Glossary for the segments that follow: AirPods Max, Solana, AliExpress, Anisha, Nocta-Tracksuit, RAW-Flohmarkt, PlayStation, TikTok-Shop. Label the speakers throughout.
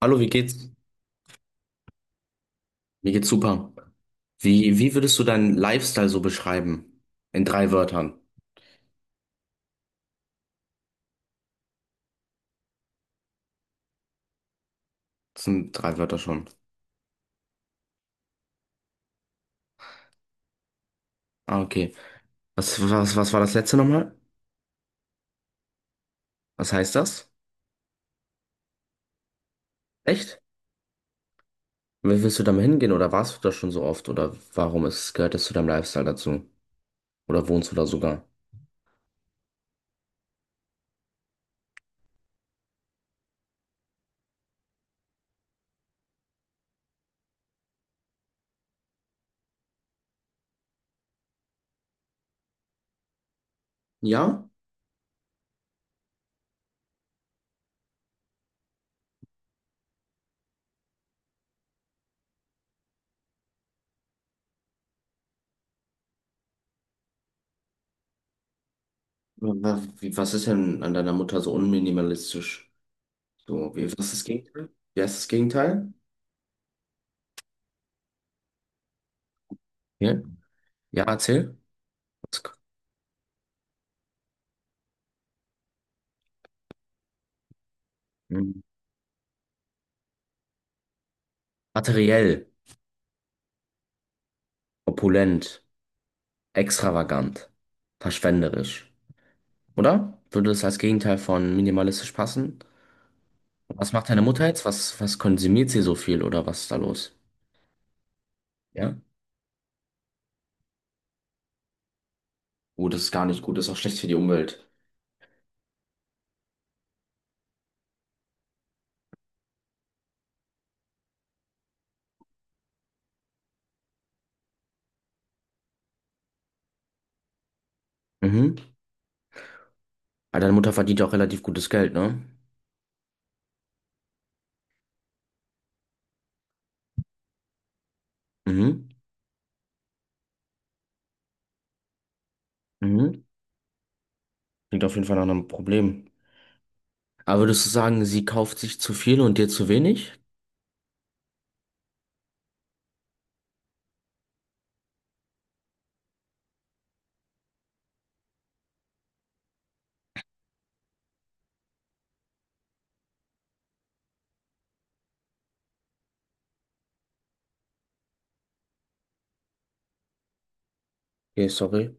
Speaker 1: Hallo, wie geht's? Mir geht's super. Wie würdest du deinen Lifestyle so beschreiben? In drei Wörtern. Das sind drei Wörter schon. Ah, okay. Was war das letzte nochmal? Was heißt das? Echt? Wie willst du damit hingehen? Oder warst du da schon so oft? Oder gehört das zu deinem Lifestyle dazu? Oder wohnst du da sogar? Ja? Was ist denn an deiner Mutter so unminimalistisch? So, was ist das Gegenteil? Wie heißt das Gegenteil? Ja, ja erzähl. Was- Hm. Materiell, opulent, extravagant, verschwenderisch, oder? Würde das als Gegenteil von minimalistisch passen? Was macht deine Mutter jetzt? Was konsumiert sie so viel oder was ist da los? Ja? Oh, das ist gar nicht gut, das ist auch schlecht für die Umwelt. Mhm. Aber deine Mutter verdient ja auch relativ gutes Geld, ne? Mhm. Mhm. Klingt auf jeden Fall nach einem Problem. Aber würdest du sagen, sie kauft sich zu viel und dir zu wenig? Okay, sorry.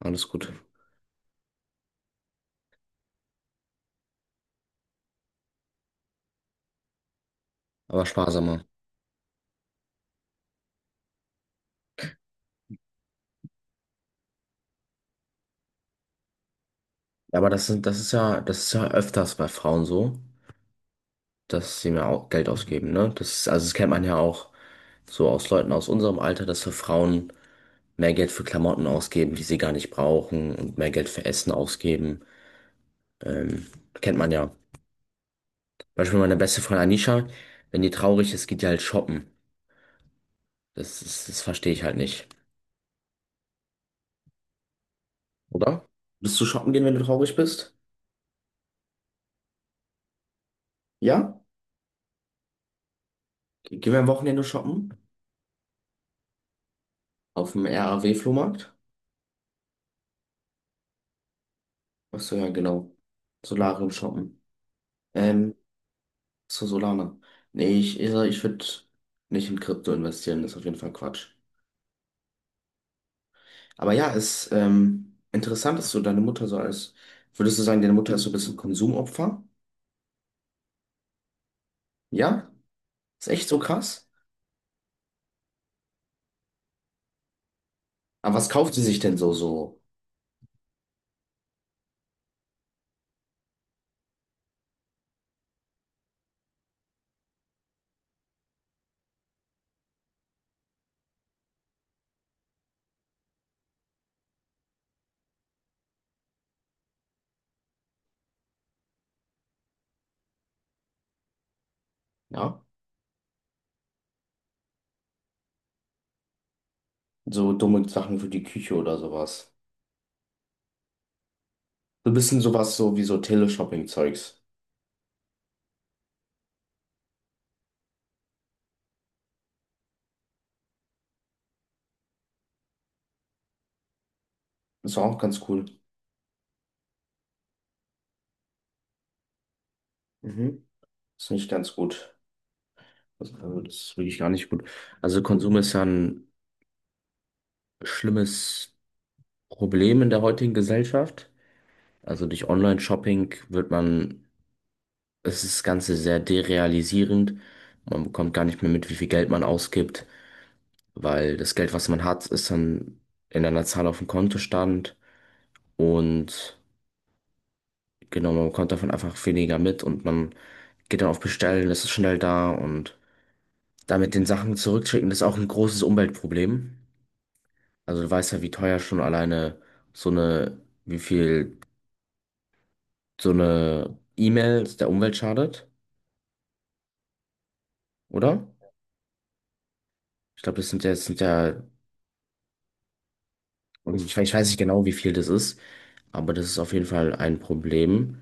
Speaker 1: Alles gut. Aber sparsamer. Ja, aber das ist ja öfters bei Frauen so, dass sie mehr Geld ausgeben, ne? Also das kennt man ja auch so aus Leuten aus unserem Alter, dass für Frauen mehr Geld für Klamotten ausgeben, die sie gar nicht brauchen und mehr Geld für Essen ausgeben. Ähm, Kennt man ja. Beispiel meine beste Freundin Anisha, wenn die traurig ist, geht die halt shoppen. Das verstehe ich halt nicht. Oder? Willst du shoppen gehen, wenn du traurig bist? Ja? Gehen wir am Wochenende shoppen? Auf dem RAW-Flohmarkt? Ach so, ja, genau. Solarium shoppen. Ähm, Zu Solana. Nee, ich würde nicht in Krypto investieren, das ist auf jeden Fall Quatsch. Aber ja, es ist interessant, dass du deine Mutter so als, würdest du sagen, deine Mutter ist so ein bisschen Konsumopfer? Ja? Ist echt so krass? Aber was kauft sie sich denn so, ja? So dumme Sachen für die Küche oder sowas. So ein bisschen sowas so wie so Teleshopping-Zeugs. Ist auch ganz cool. Mhm. Ist nicht ganz gut. Also, das ist wirklich gar nicht gut. Also Konsum ist ja ein schlimmes Problem in der heutigen Gesellschaft. Also durch Online-Shopping wird man, es ist das Ganze sehr derealisierend. Man bekommt gar nicht mehr mit, wie viel Geld man ausgibt, weil das Geld, was man hat, ist dann in einer Zahl auf dem Kontostand, und genau, man bekommt davon einfach weniger mit und man geht dann auf Bestellen, das ist schnell da und damit den Sachen zurückschicken, das ist auch ein großes Umweltproblem. Also du weißt ja, wie teuer schon alleine so eine, wie viel so eine E-Mail der Umwelt schadet, oder? Ich glaube, das sind ja. Und ich weiß nicht genau, wie viel das ist, aber das ist auf jeden Fall ein Problem.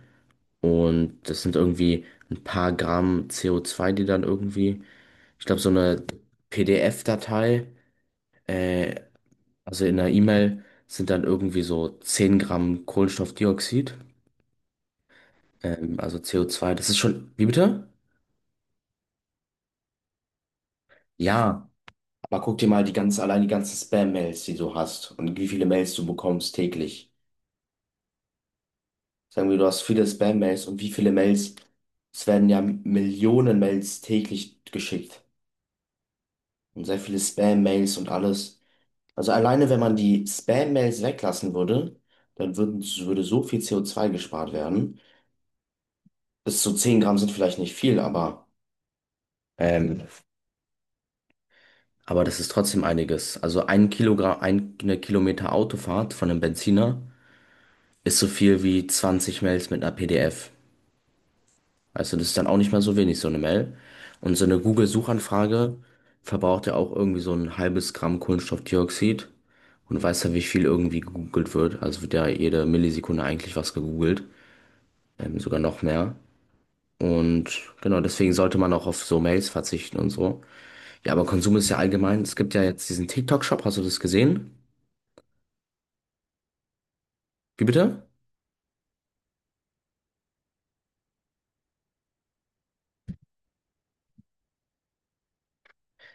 Speaker 1: Und das sind irgendwie ein paar Gramm CO2, die dann irgendwie, ich glaube, so eine PDF-Datei, äh, also in einer E-Mail, sind dann irgendwie so 10 Gramm Kohlenstoffdioxid, also CO2. Das ist schon, wie bitte? Ja, aber guck dir mal allein die ganzen Spam-Mails, die du hast und wie viele Mails du bekommst täglich. Sagen wir, du hast viele Spam-Mails und wie viele Mails? Es werden ja Millionen Mails täglich geschickt und sehr viele Spam-Mails und alles. Also alleine, wenn man die Spam-Mails weglassen würde, würde so viel CO2 gespart werden. Bis zu 10 Gramm sind vielleicht nicht viel, ähm, aber das ist trotzdem einiges. Also ein Kilogramm, eine Kilometer Autofahrt von einem Benziner ist so viel wie 20 Mails mit einer PDF. Weißt du, das ist dann auch nicht mehr so wenig, so eine Mail. Und so eine Google-Suchanfrage verbraucht ja auch irgendwie so ein halbes Gramm Kohlenstoffdioxid. Und du weißt ja, wie viel irgendwie gegoogelt wird. Also wird ja jede Millisekunde eigentlich was gegoogelt. Sogar noch mehr. Und genau, deswegen sollte man auch auf so Mails verzichten und so. Ja, aber Konsum ist ja allgemein. Es gibt ja jetzt diesen TikTok-Shop, hast du das gesehen? Wie bitte?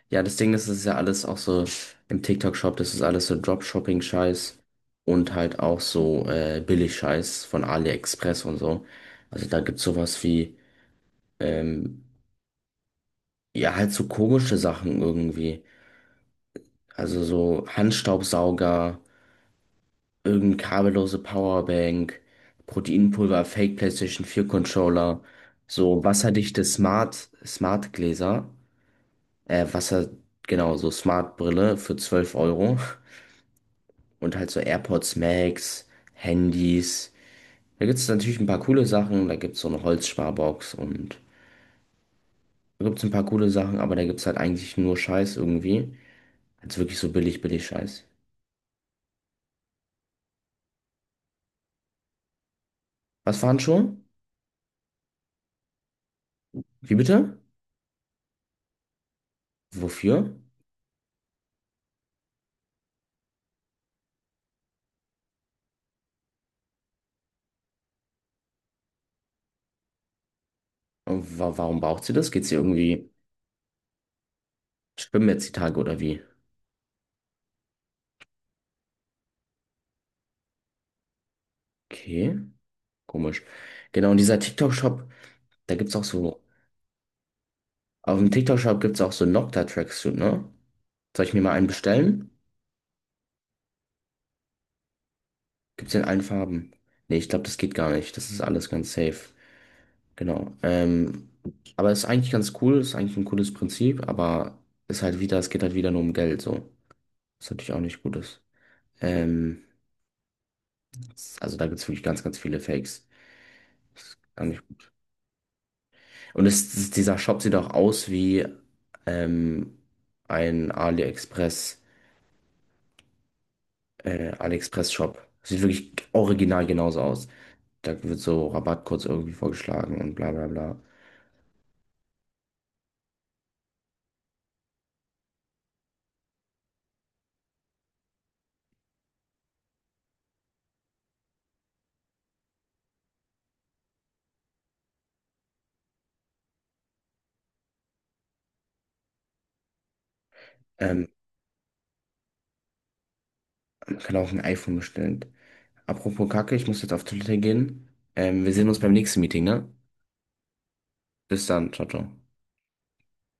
Speaker 1: Ja, das Ding ist, es ist ja alles auch so im TikTok-Shop, das ist alles so Dropshipping-Scheiß und halt auch so Billig-Scheiß von AliExpress und so. Also da gibt's sowas wie, ähm, ja, halt so komische Sachen irgendwie. Also so Handstaubsauger, irgendeine kabellose Powerbank, Proteinpulver, Fake PlayStation 4 Controller, so wasserdichte Smart Gläser, äh, Wasser, genau, so Smart Brille für 12 Euro. Und halt so AirPods Max, Handys. Da gibt es natürlich ein paar coole Sachen. Da gibt es so eine Holzsparbox und da gibt es ein paar coole Sachen, aber da gibt es halt eigentlich nur Scheiß irgendwie. Also wirklich so billig, billig Scheiß. Was waren schon? Wie bitte? Wofür? Und wa warum braucht sie das? Geht sie irgendwie schwimmen jetzt die Tage oder wie? Okay, komisch. Genau, und dieser TikTok-Shop, da gibt es auch so, auf dem TikTok-Shop gibt es auch so Nocta-Tracksuit, ne? Soll ich mir mal einen bestellen? Gibt's in allen Farben? Nee, ich glaube, das geht gar nicht. Das ist alles ganz safe. Genau. Aber ist eigentlich ganz cool, ist eigentlich ein cooles Prinzip, aber ist halt wieder, es geht halt wieder nur um Geld, so. Was natürlich auch nicht gut ist. Ähm, also da gibt's wirklich ganz, ganz viele Fakes. Das ist gar nicht gut. Und dieser Shop sieht auch aus wie ähm, ein AliExpress, AliExpress-Shop. Sieht wirklich original genauso aus. Da wird so Rabattcodes irgendwie vorgeschlagen und bla bla bla. Ähm, Kann auch ein iPhone bestellen. Apropos Kacke, ich muss jetzt auf Toilette gehen. Wir sehen uns beim nächsten Meeting, ne? Bis dann, ciao, ciao.